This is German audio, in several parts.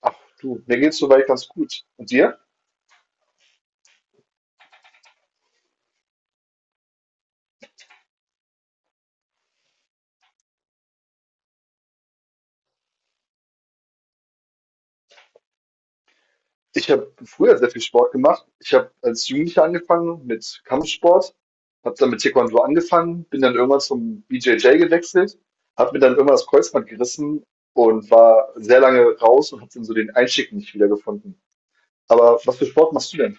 Ach du, mir geht's soweit ganz gut. Und dir? Ich habe früher sehr viel Sport gemacht. Ich habe als Jugendlicher angefangen mit Kampfsport, habe dann mit Taekwondo angefangen, bin dann irgendwann zum BJJ gewechselt, habe mir dann irgendwann das Kreuzband gerissen und war sehr lange raus und habe dann so den Einstieg nicht wiedergefunden. Aber was für Sport machst du denn?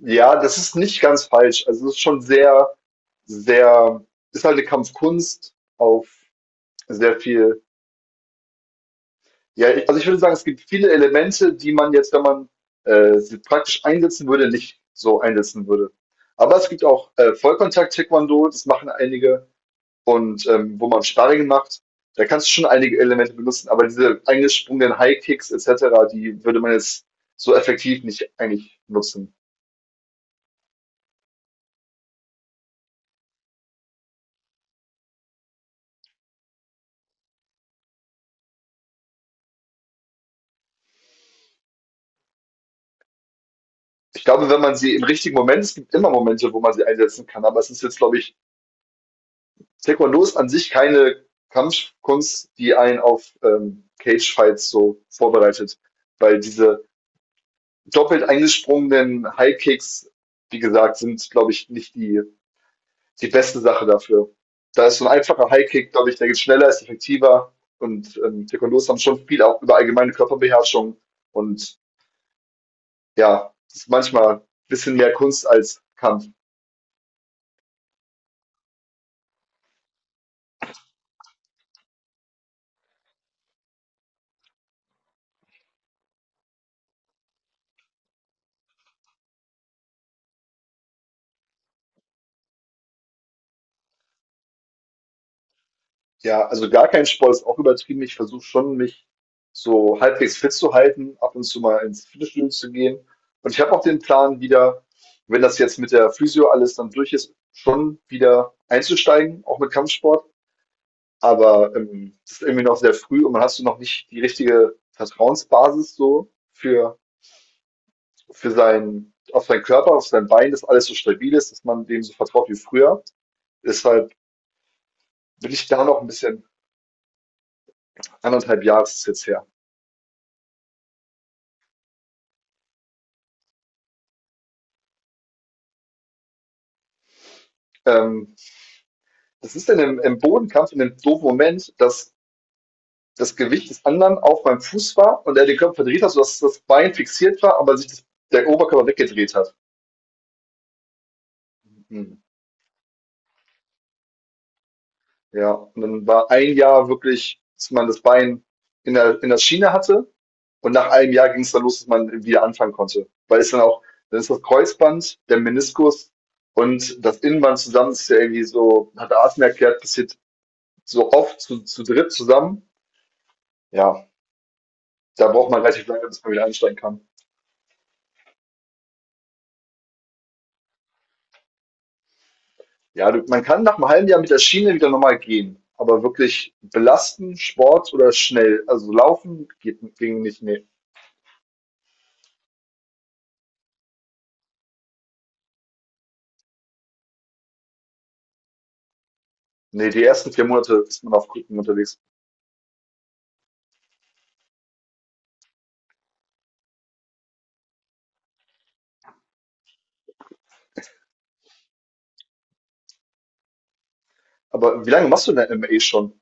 Ja, das ist nicht ganz falsch. Also es ist schon sehr, sehr, ist halt eine Kampfkunst auf sehr viel. Ja, also ich würde sagen, es gibt viele Elemente, die man jetzt, wenn man sie praktisch einsetzen würde, nicht so einsetzen würde. Aber es gibt auch Vollkontakt-Taekwondo, das machen einige, und wo man Sparring macht, da kannst du schon einige Elemente benutzen, aber diese eingesprungenen High-Kicks etc., die würde man jetzt so effektiv nicht eigentlich nutzen. Ich glaube, wenn man sie im richtigen Moment, es gibt immer Momente, wo man sie einsetzen kann, aber es ist jetzt, glaube ich, Taekwondo ist an sich keine Kampfkunst, die einen auf Cage-Fights so vorbereitet, weil diese doppelt eingesprungenen High-Kicks, wie gesagt, sind, glaube ich, nicht die, die beste Sache dafür. Da ist so ein einfacher High-Kick, glaube ich, der geht schneller, ist effektiver und Taekwondos haben schon viel auch über allgemeine Körperbeherrschung, und ja, das ist manchmal ein bisschen mehr Kunst als Kampf. Ja, also gar kein Sport ist auch übertrieben. Ich versuche schon, mich so halbwegs fit zu halten, ab und zu mal ins Fitnessstudio zu gehen. Und ich habe auch den Plan, wieder, wenn das jetzt mit der Physio alles dann durch ist, schon wieder einzusteigen, auch mit Kampfsport. Aber das ist irgendwie noch sehr früh und man hast du noch nicht die richtige Vertrauensbasis so für seinen, auf seinen Körper, auf sein Bein, dass alles so stabil ist, dass man dem so vertraut wie früher. Deshalb bin ich da noch ein bisschen, anderthalb Jahre ist es jetzt her. Ähm, Das ist dann im Bodenkampf in dem doofen Moment, dass das Gewicht des anderen auf meinem Fuß war und er den Körper verdreht hat, sodass das Bein fixiert war, aber sich das, der Oberkörper weggedreht hat. Mhm. Ja, und dann war ein Jahr wirklich, dass man das Bein in der Schiene hatte und nach einem Jahr ging es dann los, dass man wieder anfangen konnte. Weil es dann auch, dann ist das Kreuzband, der Meniskus und das Innenband zusammen, das ist ja irgendwie so, hat Arten erklärt, passiert so oft zu dritt zusammen. Ja, da braucht man relativ lange, bis man wieder einsteigen kann. Ja, du, man kann nach einem halben Jahr mit der Schiene wieder normal gehen, aber wirklich belasten, Sport oder schnell, also laufen geht, ging nicht, nee. Nee, die ersten 4 Monate ist man auf Krücken unterwegs. Aber wie lange machst du denn MMA schon?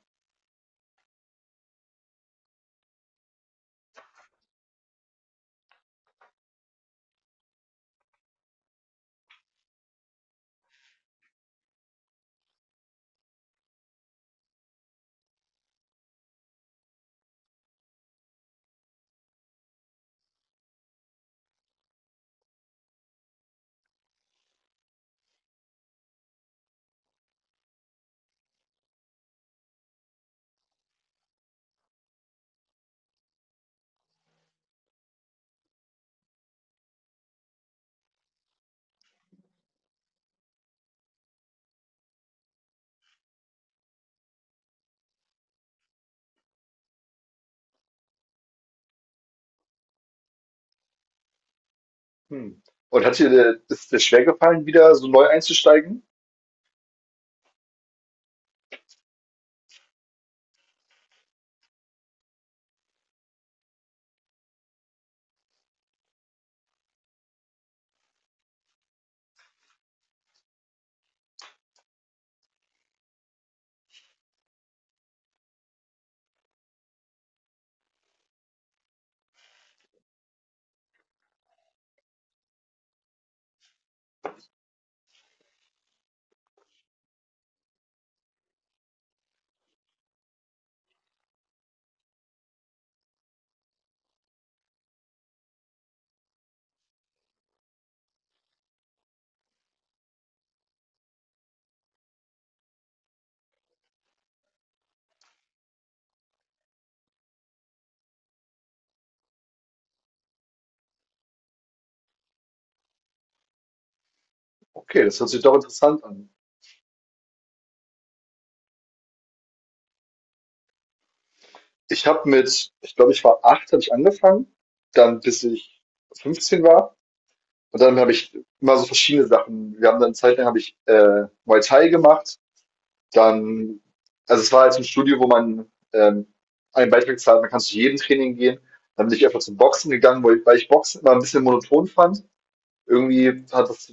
Hm. Und hat dir, ist dir schwer gefallen, wieder so neu einzusteigen? Okay, das hört sich doch interessant an. Ich habe mit, ich glaube, ich war acht, habe ich angefangen, dann bis ich 15 war. Und dann habe ich immer so verschiedene Sachen. Wir haben dann eine Zeit lang habe ich Muay Thai gemacht, dann, also es war halt so ein Studio, wo man, einen Beitrag zahlt, man kann zu jedem Training gehen. Dann bin ich einfach zum Boxen gegangen, weil ich Boxen immer ein bisschen monoton fand. Irgendwie hat das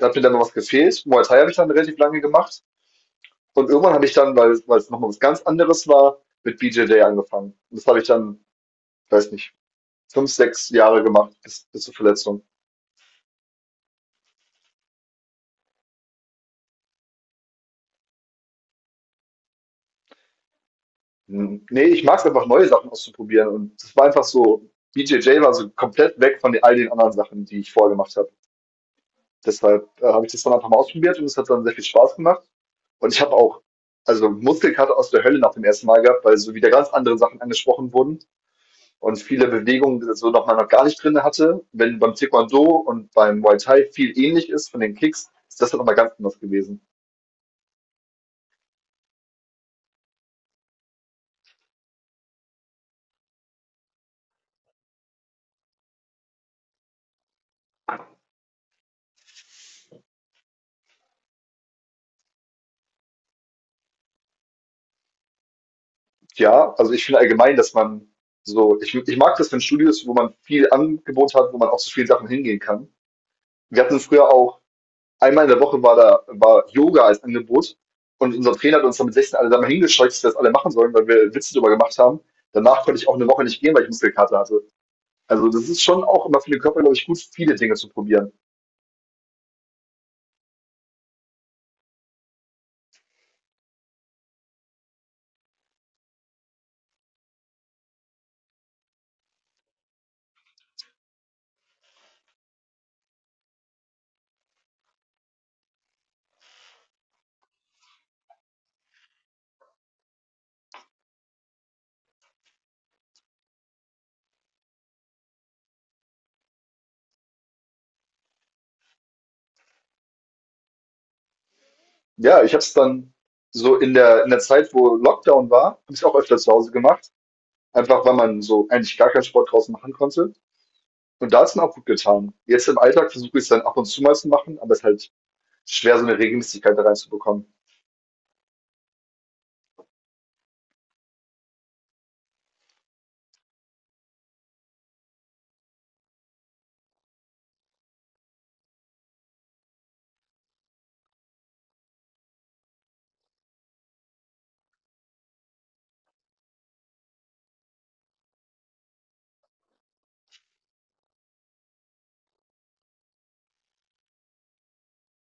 hat mir dann noch was gefehlt. Muay Thai habe ich dann relativ lange gemacht und irgendwann habe ich dann, weil's noch mal was ganz anderes war, mit BJJ angefangen. Und das habe ich dann, weiß nicht, 5, 6 Jahre gemacht bis zur Verletzung. Hm, ne, ich mag es einfach, neue Sachen auszuprobieren, und das war einfach so, BJJ war so komplett weg von all den anderen Sachen, die ich vorher gemacht habe. Deshalb habe ich das dann einfach mal ausprobiert und es hat dann sehr viel Spaß gemacht. Und ich habe auch, also Muskelkater aus der Hölle nach dem ersten Mal gehabt, weil so wieder ganz andere Sachen angesprochen wurden und viele Bewegungen, die so nochmal noch gar nicht drinne hatte. Wenn beim Taekwondo und beim Muay Thai viel ähnlich ist von den Kicks, ist das dann nochmal ganz anders gewesen. Ja, also ich finde allgemein, dass man so, ich mag das, wenn Studios, wo man viel Angebot hat, wo man auch zu vielen Sachen hingehen kann. Wir hatten früher auch einmal in der Woche war da war Yoga als Angebot, und unser Trainer hat uns dann mit 16 alle da mal hingescheucht, dass wir das alle machen sollen, weil wir Witze drüber gemacht haben. Danach konnte ich auch eine Woche nicht gehen, weil ich Muskelkater hatte. Also das ist schon auch immer für den Körper, glaube ich, gut, viele Dinge zu probieren. Ja, ich habe es dann so in der Zeit, wo Lockdown war, habe ich es auch öfter zu Hause gemacht. Einfach weil man so eigentlich gar keinen Sport draußen machen konnte. Und da hat es dann auch gut getan. Jetzt im Alltag versuche ich es dann ab und zu mal zu machen, aber es ist halt schwer, so eine Regelmäßigkeit da reinzubekommen.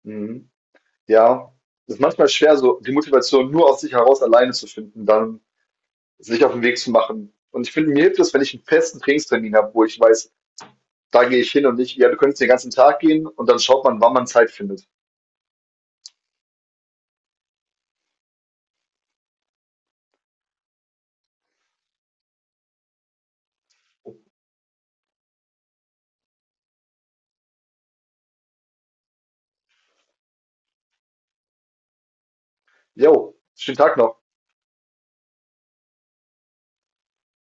Mhm. Ja, es ist manchmal schwer, so die Motivation nur aus sich heraus alleine zu finden, dann sich auf den Weg zu machen. Und ich finde, mir hilft es, wenn ich einen festen Trainingstermin habe, wo ich weiß, da gehe ich hin und nicht, ja, du könntest den ganzen Tag gehen und dann schaut man, wann man Zeit findet. Jo, schönen Tag noch.